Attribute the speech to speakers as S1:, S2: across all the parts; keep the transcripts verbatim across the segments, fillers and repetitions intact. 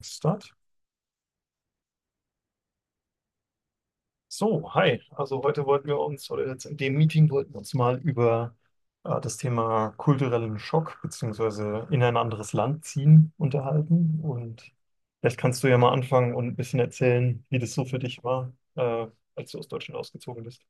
S1: Start. So, hi. Also heute wollten wir uns, oder jetzt in dem Meeting wollten wir uns mal über äh, das Thema kulturellen Schock beziehungsweise in ein anderes Land ziehen unterhalten. Und vielleicht kannst du ja mal anfangen und ein bisschen erzählen, wie das so für dich war, äh, als du aus Deutschland ausgezogen bist.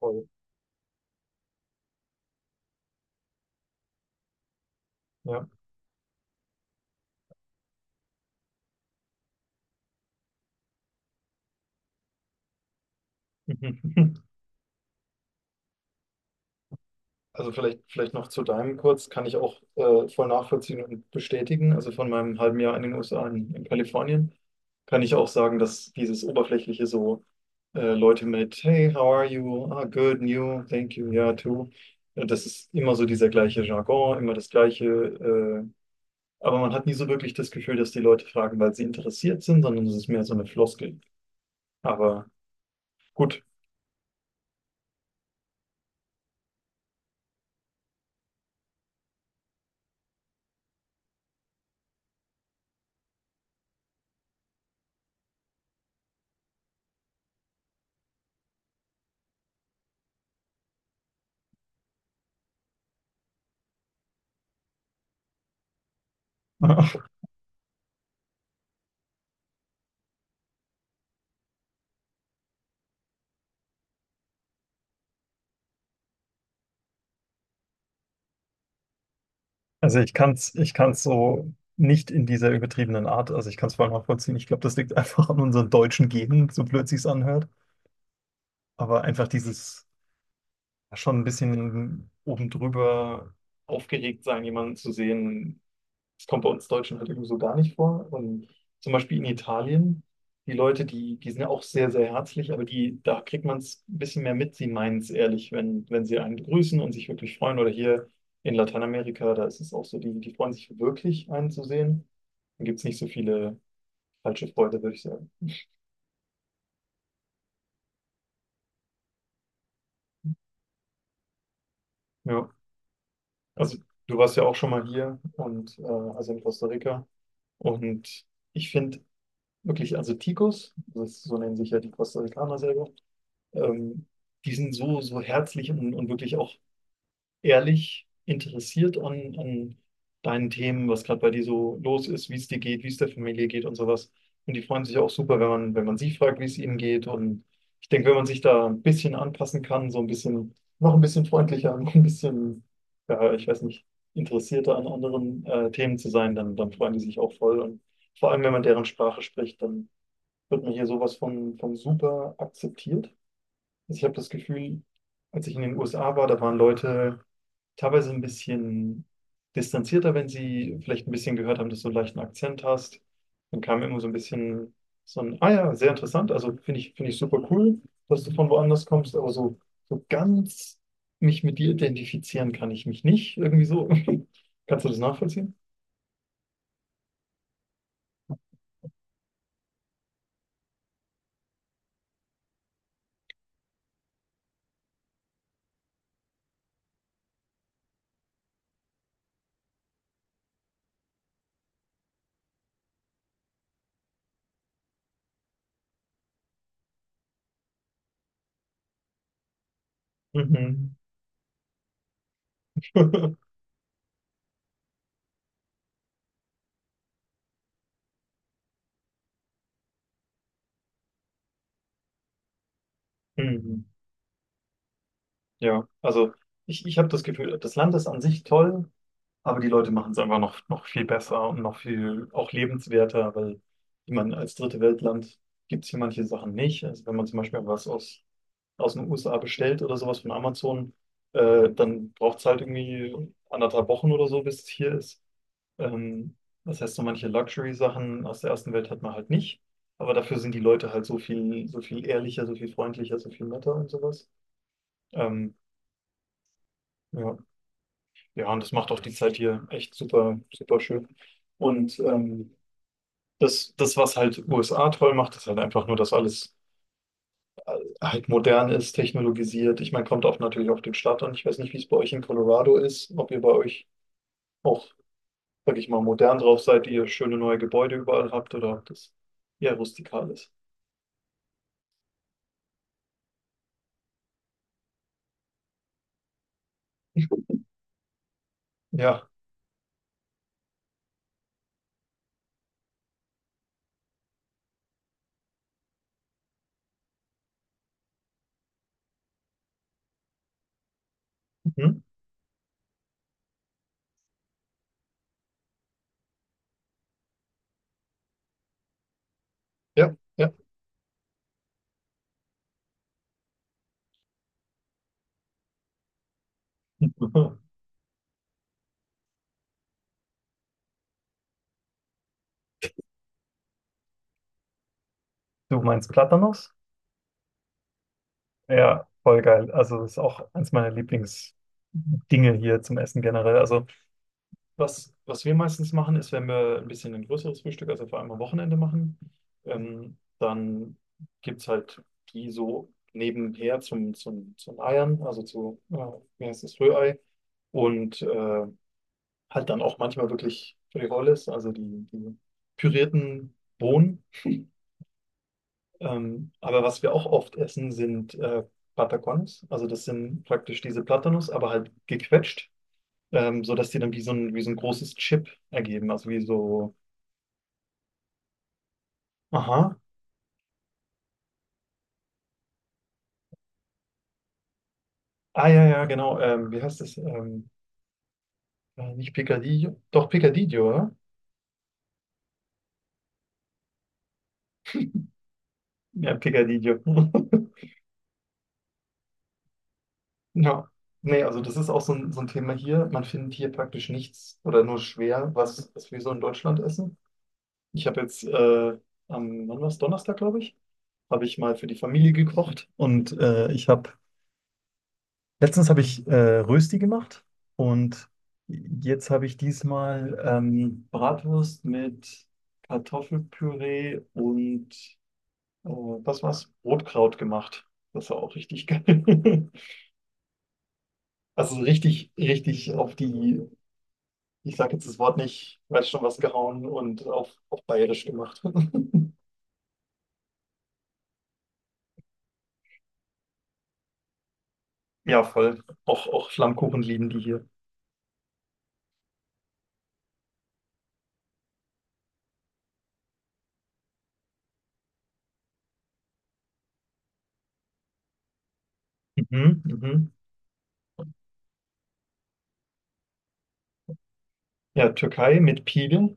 S1: Voll. Ja. Also vielleicht, vielleicht noch zu deinem kurz, kann ich auch äh, voll nachvollziehen und bestätigen. Also von meinem halben Jahr in den U S A in, in Kalifornien kann ich auch sagen, dass dieses Oberflächliche so äh, Leute mit: "Hey, how are you? Ah, good, and you, thank you, yeah, too." Äh, Das ist immer so dieser gleiche Jargon, immer das gleiche. Äh, aber man hat nie so wirklich das Gefühl, dass die Leute fragen, weil sie interessiert sind, sondern es ist mehr so eine Floskel. Aber gut. Also ich kann es, ich kann's so nicht in dieser übertriebenen Art, also ich kann es voll nachvollziehen. Ich glaube, das liegt einfach an unseren deutschen Genen, so blöd sich's anhört. Aber einfach dieses schon ein bisschen oben drüber aufgeregt sein, jemanden zu sehen, das kommt bei uns Deutschen halt irgendwie so gar nicht vor. Und zum Beispiel in Italien, die Leute, die, die sind ja auch sehr, sehr herzlich, aber die, da kriegt man es ein bisschen mehr mit. Sie meinen es ehrlich, wenn, wenn sie einen begrüßen und sich wirklich freuen. Oder hier in Lateinamerika, da ist es auch so, die, die freuen sich wirklich, einen zu sehen. Dann gibt es nicht so viele falsche Freude, würde ich sagen. Ja, also du warst ja auch schon mal hier und äh, also in Costa Rica. Und ich finde wirklich, also Ticos, das, so nennen sich ja die Costa Ricaner selber, ähm, die sind so, so herzlich und, und wirklich auch ehrlich interessiert an, an deinen Themen, was gerade bei dir so los ist, wie es dir geht, wie es der Familie geht und sowas. Und die freuen sich auch super, wenn man, wenn man sie fragt, wie es ihnen geht. Und ich denke, wenn man sich da ein bisschen anpassen kann, so ein bisschen, noch ein bisschen freundlicher, noch ein bisschen, ja, ich weiß nicht, interessierter an anderen äh, Themen zu sein, dann, dann freuen die sich auch voll. Und vor allem, wenn man deren Sprache spricht, dann wird man hier sowas von, von super akzeptiert. Also ich habe das Gefühl, als ich in den U S A war, da waren Leute teilweise ein bisschen distanzierter, wenn sie vielleicht ein bisschen gehört haben, dass du einen leichten Akzent hast. Dann kam immer so ein bisschen so ein, ah ja, sehr interessant. Also finde ich, finde ich super cool, dass du von woanders kommst, aber so, so ganz mich mit dir identifizieren kann ich mich nicht. Irgendwie so. Kannst du das nachvollziehen? Mhm. Mhm. Ja, also ich, ich habe das Gefühl, das Land ist an sich toll, aber die Leute machen es einfach noch, noch viel besser und noch viel auch lebenswerter, weil ich meine, als dritte Weltland gibt es hier manche Sachen nicht. Also wenn man zum Beispiel was aus, aus den U S A bestellt oder sowas von Amazon, äh, dann braucht es halt irgendwie anderthalb Wochen oder so, bis es hier ist. Ähm, das heißt, so manche Luxury-Sachen aus der ersten Welt hat man halt nicht. Aber dafür sind die Leute halt so viel, so viel ehrlicher, so viel freundlicher, so viel netter und sowas. Ähm, ja, ja, und das macht auch die Zeit hier echt super, super schön. Und ähm, das, das, was halt U S A toll macht, ist halt einfach nur, dass alles äh, halt modern ist, technologisiert. Ich meine, kommt auch natürlich auf den Staat an. Ich weiß nicht, wie es bei euch in Colorado ist, ob ihr bei euch auch, sag ich mal, modern drauf seid, ihr schöne neue Gebäude überall habt oder ob das eher rustikal ist. Ja, mhm. Ja, ja. Du meinst Platanos? Ja, voll geil. Also das ist auch eins meiner Lieblingsdinge hier zum Essen generell. Also was, was wir meistens machen, ist, wenn wir ein bisschen ein größeres Frühstück, also vor allem am Wochenende machen, ähm, dann gibt es halt die so nebenher zum, zum, zum Eiern, also zu, äh, wie heißt das, Rührei. Und äh, halt dann auch manchmal wirklich Frijoles, also die, die pürierten Bohnen. Ähm, aber was wir auch oft essen, sind äh, Patacones. Also das sind praktisch diese Platanos, aber halt gequetscht, ähm, sodass die dann wie so ein, wie so ein großes Chip ergeben, also wie so. Aha. Ah, ja, ja, genau. Ähm, wie heißt das? Ähm, äh, nicht Picadillo. Doch, Picadillo, oder? Ja, Picadillo. Ja. Nee, also das ist auch so ein, so ein Thema hier. Man findet hier praktisch nichts oder nur schwer, was, was wir so in Deutschland essen. Ich habe jetzt äh, am, wann war's? Donnerstag, glaube ich, habe ich mal für die Familie gekocht und äh, ich habe, letztens habe ich äh, Rösti gemacht und jetzt habe ich diesmal ähm, Bratwurst mit Kartoffelpüree und äh, was war's? Rotkraut gemacht. Das war auch richtig geil. Also richtig, richtig auf die, ich sage jetzt das Wort nicht, weiß schon was, gehauen und auf, auf bayerisch gemacht. Ja, voll. Auch, auch Flammkuchen lieben die hier. Mhm, mhm. Ja, Türkei mit Pidel.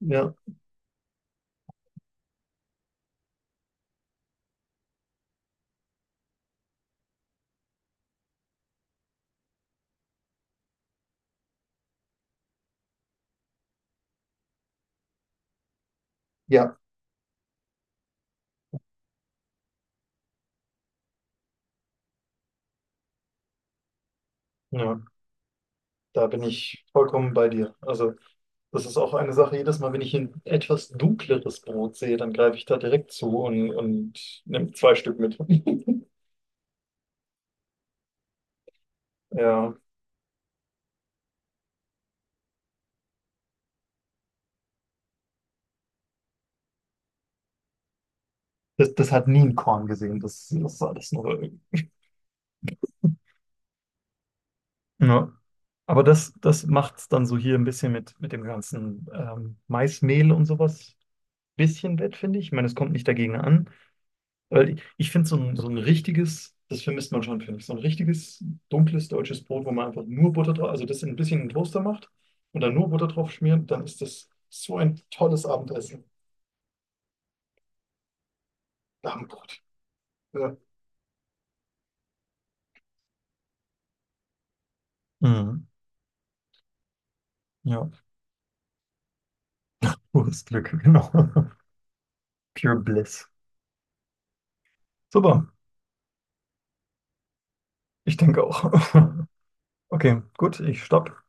S1: Ja. Ja. Ja, da bin ich vollkommen bei dir. Also, das ist auch eine Sache, jedes Mal, wenn ich ein etwas dunkleres Brot sehe, dann greife ich da direkt zu und, und nehme zwei Stück mit. Ja. Das, das hat nie ein Korn gesehen. Das, das war das nur. Irgendwie. Ja. Aber das, das macht es dann so hier ein bisschen mit, mit dem ganzen ähm, Maismehl und sowas bisschen wett, finde ich. Ich meine, es kommt nicht dagegen an. Weil ich, ich finde so ein, so ein richtiges, das vermisst man schon, finde ich, so ein richtiges dunkles deutsches Brot, wo man einfach nur Butter drauf, also das in ein bisschen in den Toaster macht und dann nur Butter drauf schmiert, dann ist das so ein tolles Abendessen. Abendbrot. Ja. Mhm. Ja, pures Glück, genau. Pure Bliss. Super. Ich denke auch. Okay, gut, ich stopp.